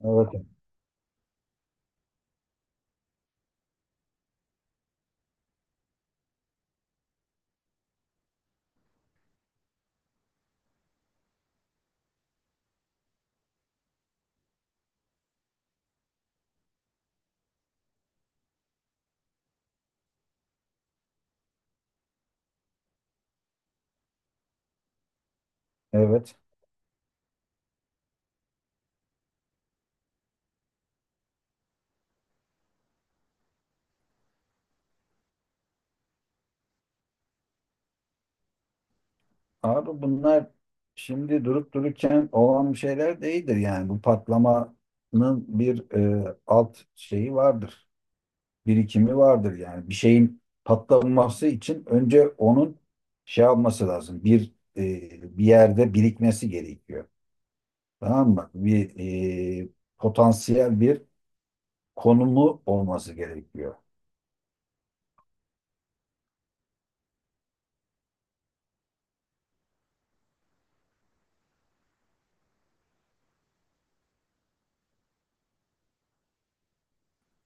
Evet, evet. Abi bunlar şimdi durup dururken olan bir şeyler değildir yani. Bu patlamanın bir alt şeyi vardır. Birikimi vardır yani. Bir şeyin patlaması için önce onun şey yapması lazım. Bir bir yerde birikmesi gerekiyor. Tamam mı? Bir e, potansiyel bir konumu olması gerekiyor.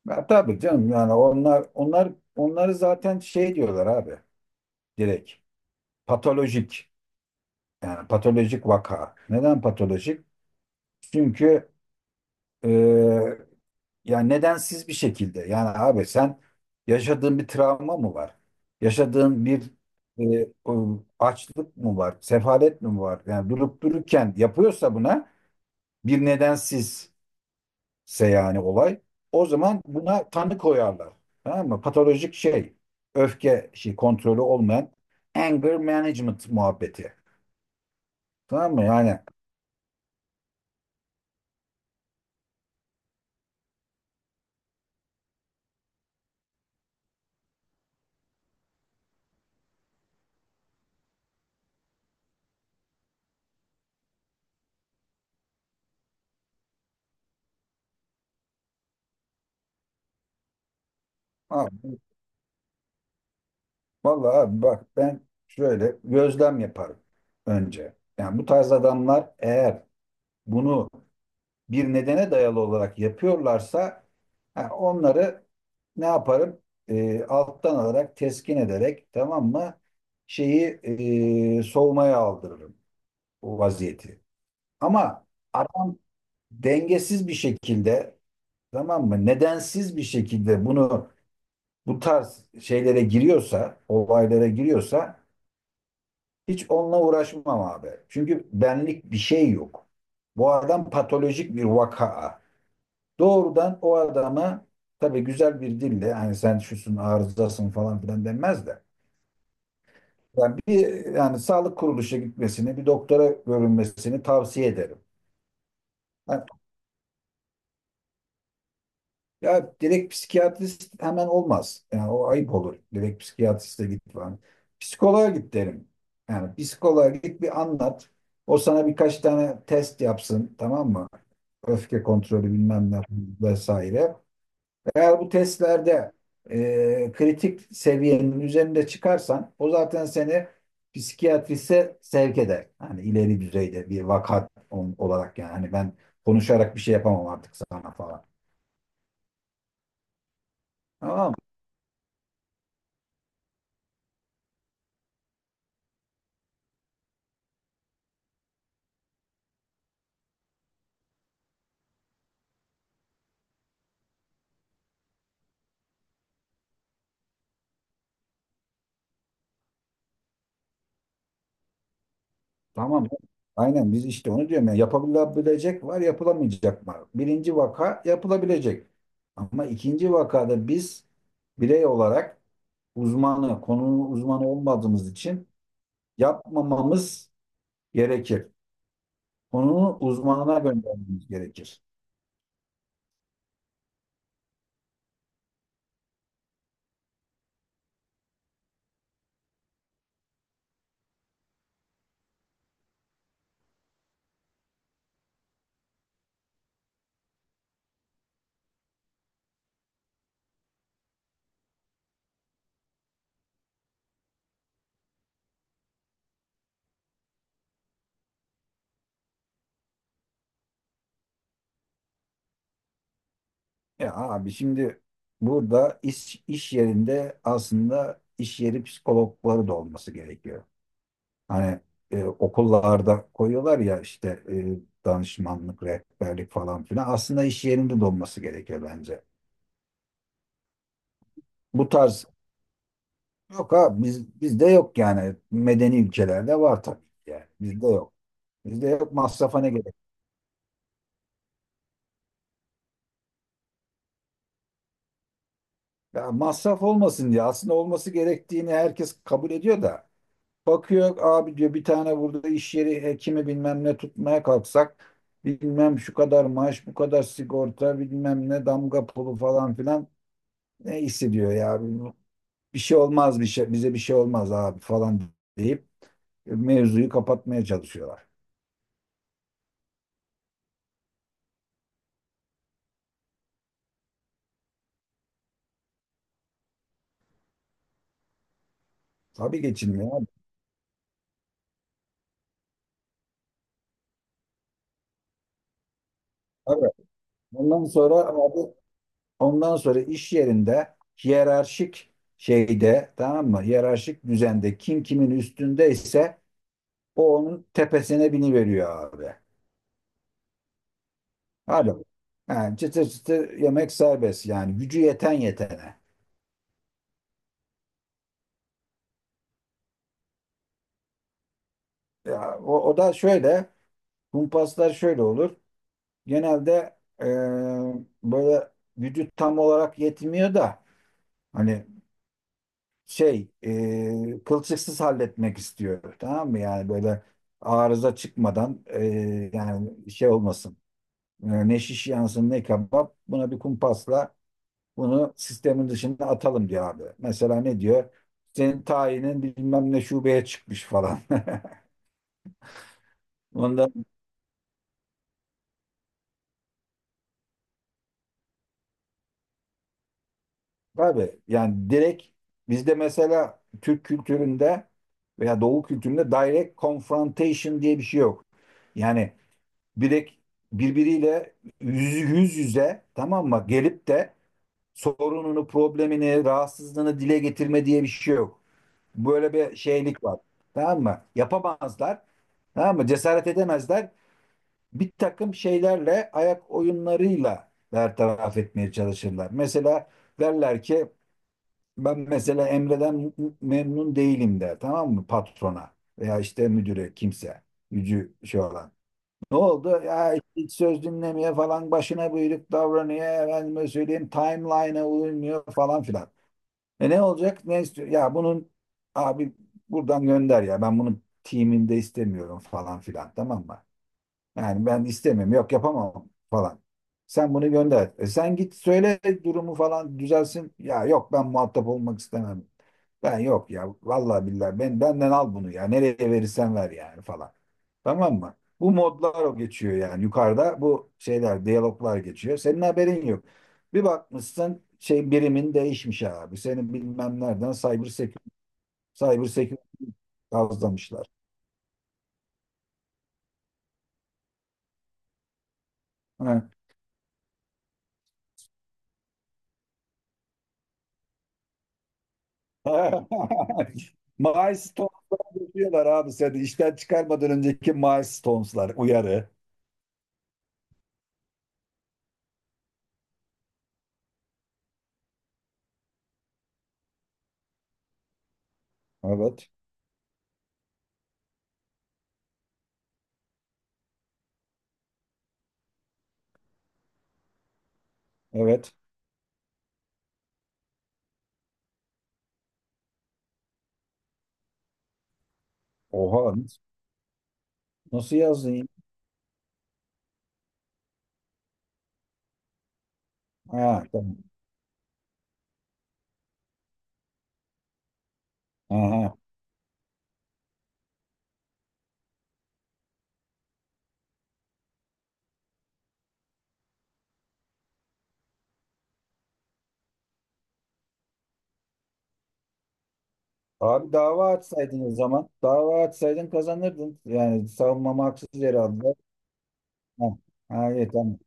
Ya, tabii canım yani onlar onları zaten şey diyorlar abi, direkt patolojik. Yani patolojik vaka. Neden patolojik? Çünkü e, yani nedensiz bir şekilde. Yani abi sen yaşadığın bir travma mı var? Yaşadığın bir o açlık mı var? Sefalet mi var? Yani durup dururken yapıyorsa buna bir nedensizse yani olay. O zaman buna tanı koyarlar. Tamam mı? Patolojik şey. Öfke şey kontrolü olmayan anger management muhabbeti. Tamam mı? Yani abi, vallahi abi bak ben şöyle gözlem yaparım önce. Yani bu tarz adamlar eğer bunu bir nedene dayalı olarak yapıyorlarsa ha, onları ne yaparım? Alttan alarak, teskin ederek, tamam mı? Şeyi soğumaya aldırırım o vaziyeti. Ama adam dengesiz bir şekilde, tamam mı? Nedensiz bir şekilde bunu bu tarz şeylere giriyorsa, olaylara giriyorsa, hiç onunla uğraşmam abi. Çünkü benlik bir şey yok. Bu adam patolojik bir vaka. Doğrudan o adama tabii güzel bir dille hani sen şusun arızasın falan filan denmez de. Yani bir yani sağlık kuruluşa gitmesini, bir doktora görünmesini tavsiye ederim. Yani ya direkt psikiyatrist hemen olmaz. Yani o ayıp olur. Direkt psikiyatriste git falan. Psikoloğa git derim. Yani psikoloğa git bir anlat. O sana birkaç tane test yapsın, tamam mı? Öfke kontrolü bilmem ne vesaire. Eğer bu testlerde kritik seviyenin üzerinde çıkarsan o zaten seni psikiyatrise sevk eder. Hani ileri düzeyde bir vaka on- olarak yani. Hani ben konuşarak bir şey yapamam artık sana falan. Tamam Tamam. Aynen biz işte onu diyorum ya. Yapılabilecek var, yapılamayacak var. Birinci vaka yapılabilecek. Ama ikinci vakada biz birey olarak uzmanı, konunun uzmanı olmadığımız için yapmamamız gerekir. Konunun uzmanına göndermemiz gerekir. Ya abi şimdi burada iş yerinde aslında iş yeri psikologları da olması gerekiyor. Hani okullarda koyuyorlar ya işte danışmanlık, rehberlik falan filan. Aslında iş yerinde de olması gerekiyor bence. Bu tarz yok, ha bizde yok yani. Medeni ülkelerde var tabii ki yani. Bizde yok. Bizde yok, masrafa ne gerek? Ya masraf olmasın diye aslında olması gerektiğini herkes kabul ediyor da. Bakıyor abi, diyor bir tane burada iş yeri hekimi bilmem ne tutmaya kalksak bilmem şu kadar maaş bu kadar sigorta bilmem ne damga pulu falan filan, ne hissediyor ya, bir şey olmaz bir şey, bize bir şey olmaz abi falan deyip mevzuyu kapatmaya çalışıyorlar. Tabii geçinmiyor abi. Tabii. Ondan sonra abi, ondan sonra iş yerinde hiyerarşik şeyde, tamam mı? Hiyerarşik düzende kim kimin üstündeyse o onun tepesine biniveriyor abi. Hadi. Yani çıtır çıtır yemek serbest yani, gücü yeten yetene. Ya, o da şöyle, kumpaslar şöyle olur. Genelde böyle vücut tam olarak yetmiyor da hani şey kılçıksız halletmek istiyor, tamam mı? Yani böyle arıza çıkmadan, yani şey olmasın. E, ne şiş yansın ne kebap, buna bir kumpasla bunu sistemin dışında atalım diyor abi, mesela ne diyor, senin tayinin bilmem ne şubeye çıkmış falan. Ondan tabii yani direkt bizde mesela Türk kültüründe veya Doğu kültüründe direct confrontation diye bir şey yok. Yani direkt birbiriyle yüz yüze, tamam mı, gelip de sorununu, problemini, rahatsızlığını dile getirme diye bir şey yok. Böyle bir şeylik var. Tamam mı? Yapamazlar. Tamam mı? Cesaret edemezler. Bir takım şeylerle, ayak oyunlarıyla bertaraf etmeye çalışırlar. Mesela derler ki ben mesela Emre'den memnun değilim der, tamam mı, patrona veya işte müdüre kimse gücü şey olan. Ne oldu? Ya işte hiç söz dinlemiyor falan, başına buyruk davranıyor, efendime söyleyeyim timeline'a uymuyor falan filan. E ne olacak? Ne istiyor? Ya bunun abi buradan gönder ya, ben bunun timinde istemiyorum falan filan, tamam mı? Yani ben istemem, yok yapamam falan. Sen bunu gönder. E sen git söyle, durumu falan düzelsin. Ya yok, ben muhatap olmak istemem. Ben yok ya, vallahi billahi ben, benden al bunu ya. Nereye verirsen ver yani falan. Tamam mı? Bu modlar o geçiyor yani, yukarıda bu şeyler, diyaloglar geçiyor. Senin haberin yok. Bir bakmışsın şey, birimin değişmiş abi. Seni bilmem nereden cyber security kazlamışlar. Milestones'lar yapıyorlar abi seni. İşten çıkarmadan önceki milestones'lar uyarı. Evet. Evet. Oha. Nasıl yazdın ya? Ha, tamam. Aha. Abi dava açsaydın o zaman. Dava açsaydın kazanırdın. Yani savunmamı haksız yere aldılar. Ha. Ha, evet, tamam.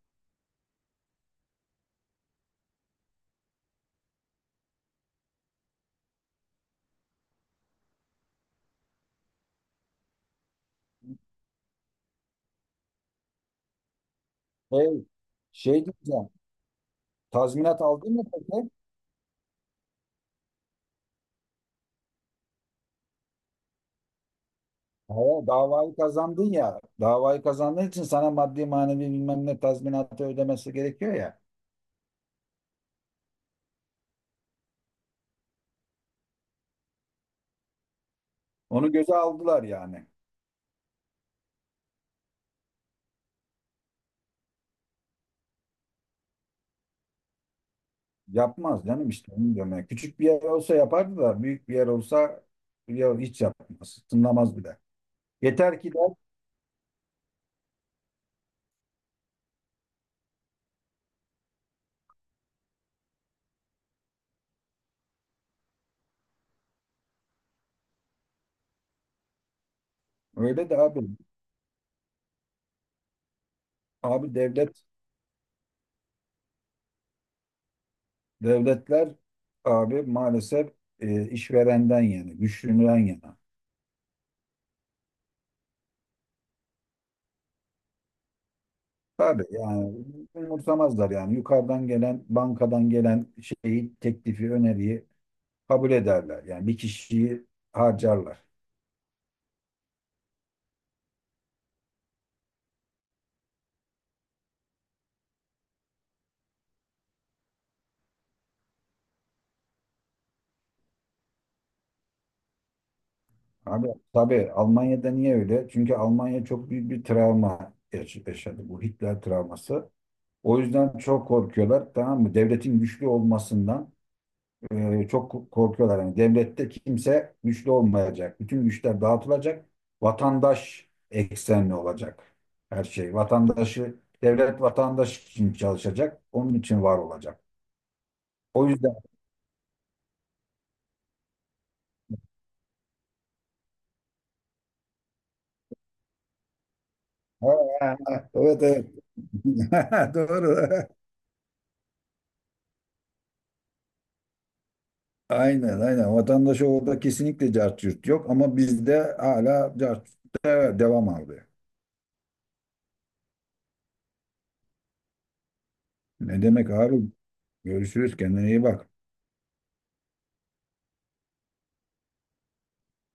Şey, şey, diyeceğim. Tazminat aldın mı peki? Ha, davayı kazandın ya. Davayı kazandığın için sana maddi manevi bilmem ne tazminatı ödemesi gerekiyor ya. Onu göze aldılar yani. Yapmaz canım, işte onu diyorum. Yani küçük bir yer olsa yapardı da büyük bir yer olsa ya hiç yapmaz. Tınlamaz bile. Yeter ki de öyle de abi. Abi devlet, devletler abi maalesef işverenden yani güçlüden yana. Tabii yani umursamazlar yani, yukarıdan gelen, bankadan gelen şeyi, teklifi, öneriyi kabul ederler. Yani bir kişiyi harcarlar. Abi tabii Almanya'da niye öyle? Çünkü Almanya çok büyük bir travma yaşadı, bu Hitler travması. O yüzden çok korkuyorlar, tamam mı? Devletin güçlü olmasından çok korkuyorlar. Yani devlette kimse güçlü olmayacak. Bütün güçler dağıtılacak. Vatandaş eksenli olacak her şey. Vatandaşı, devlet vatandaş için çalışacak. Onun için var olacak. O yüzden evet, evet. Doğru. Aynen, aynen. Vatandaşa orada kesinlikle cart curt yok, ama bizde hala cart curt da devam abi. Ne demek abi? Görüşürüz. Kendine iyi bak.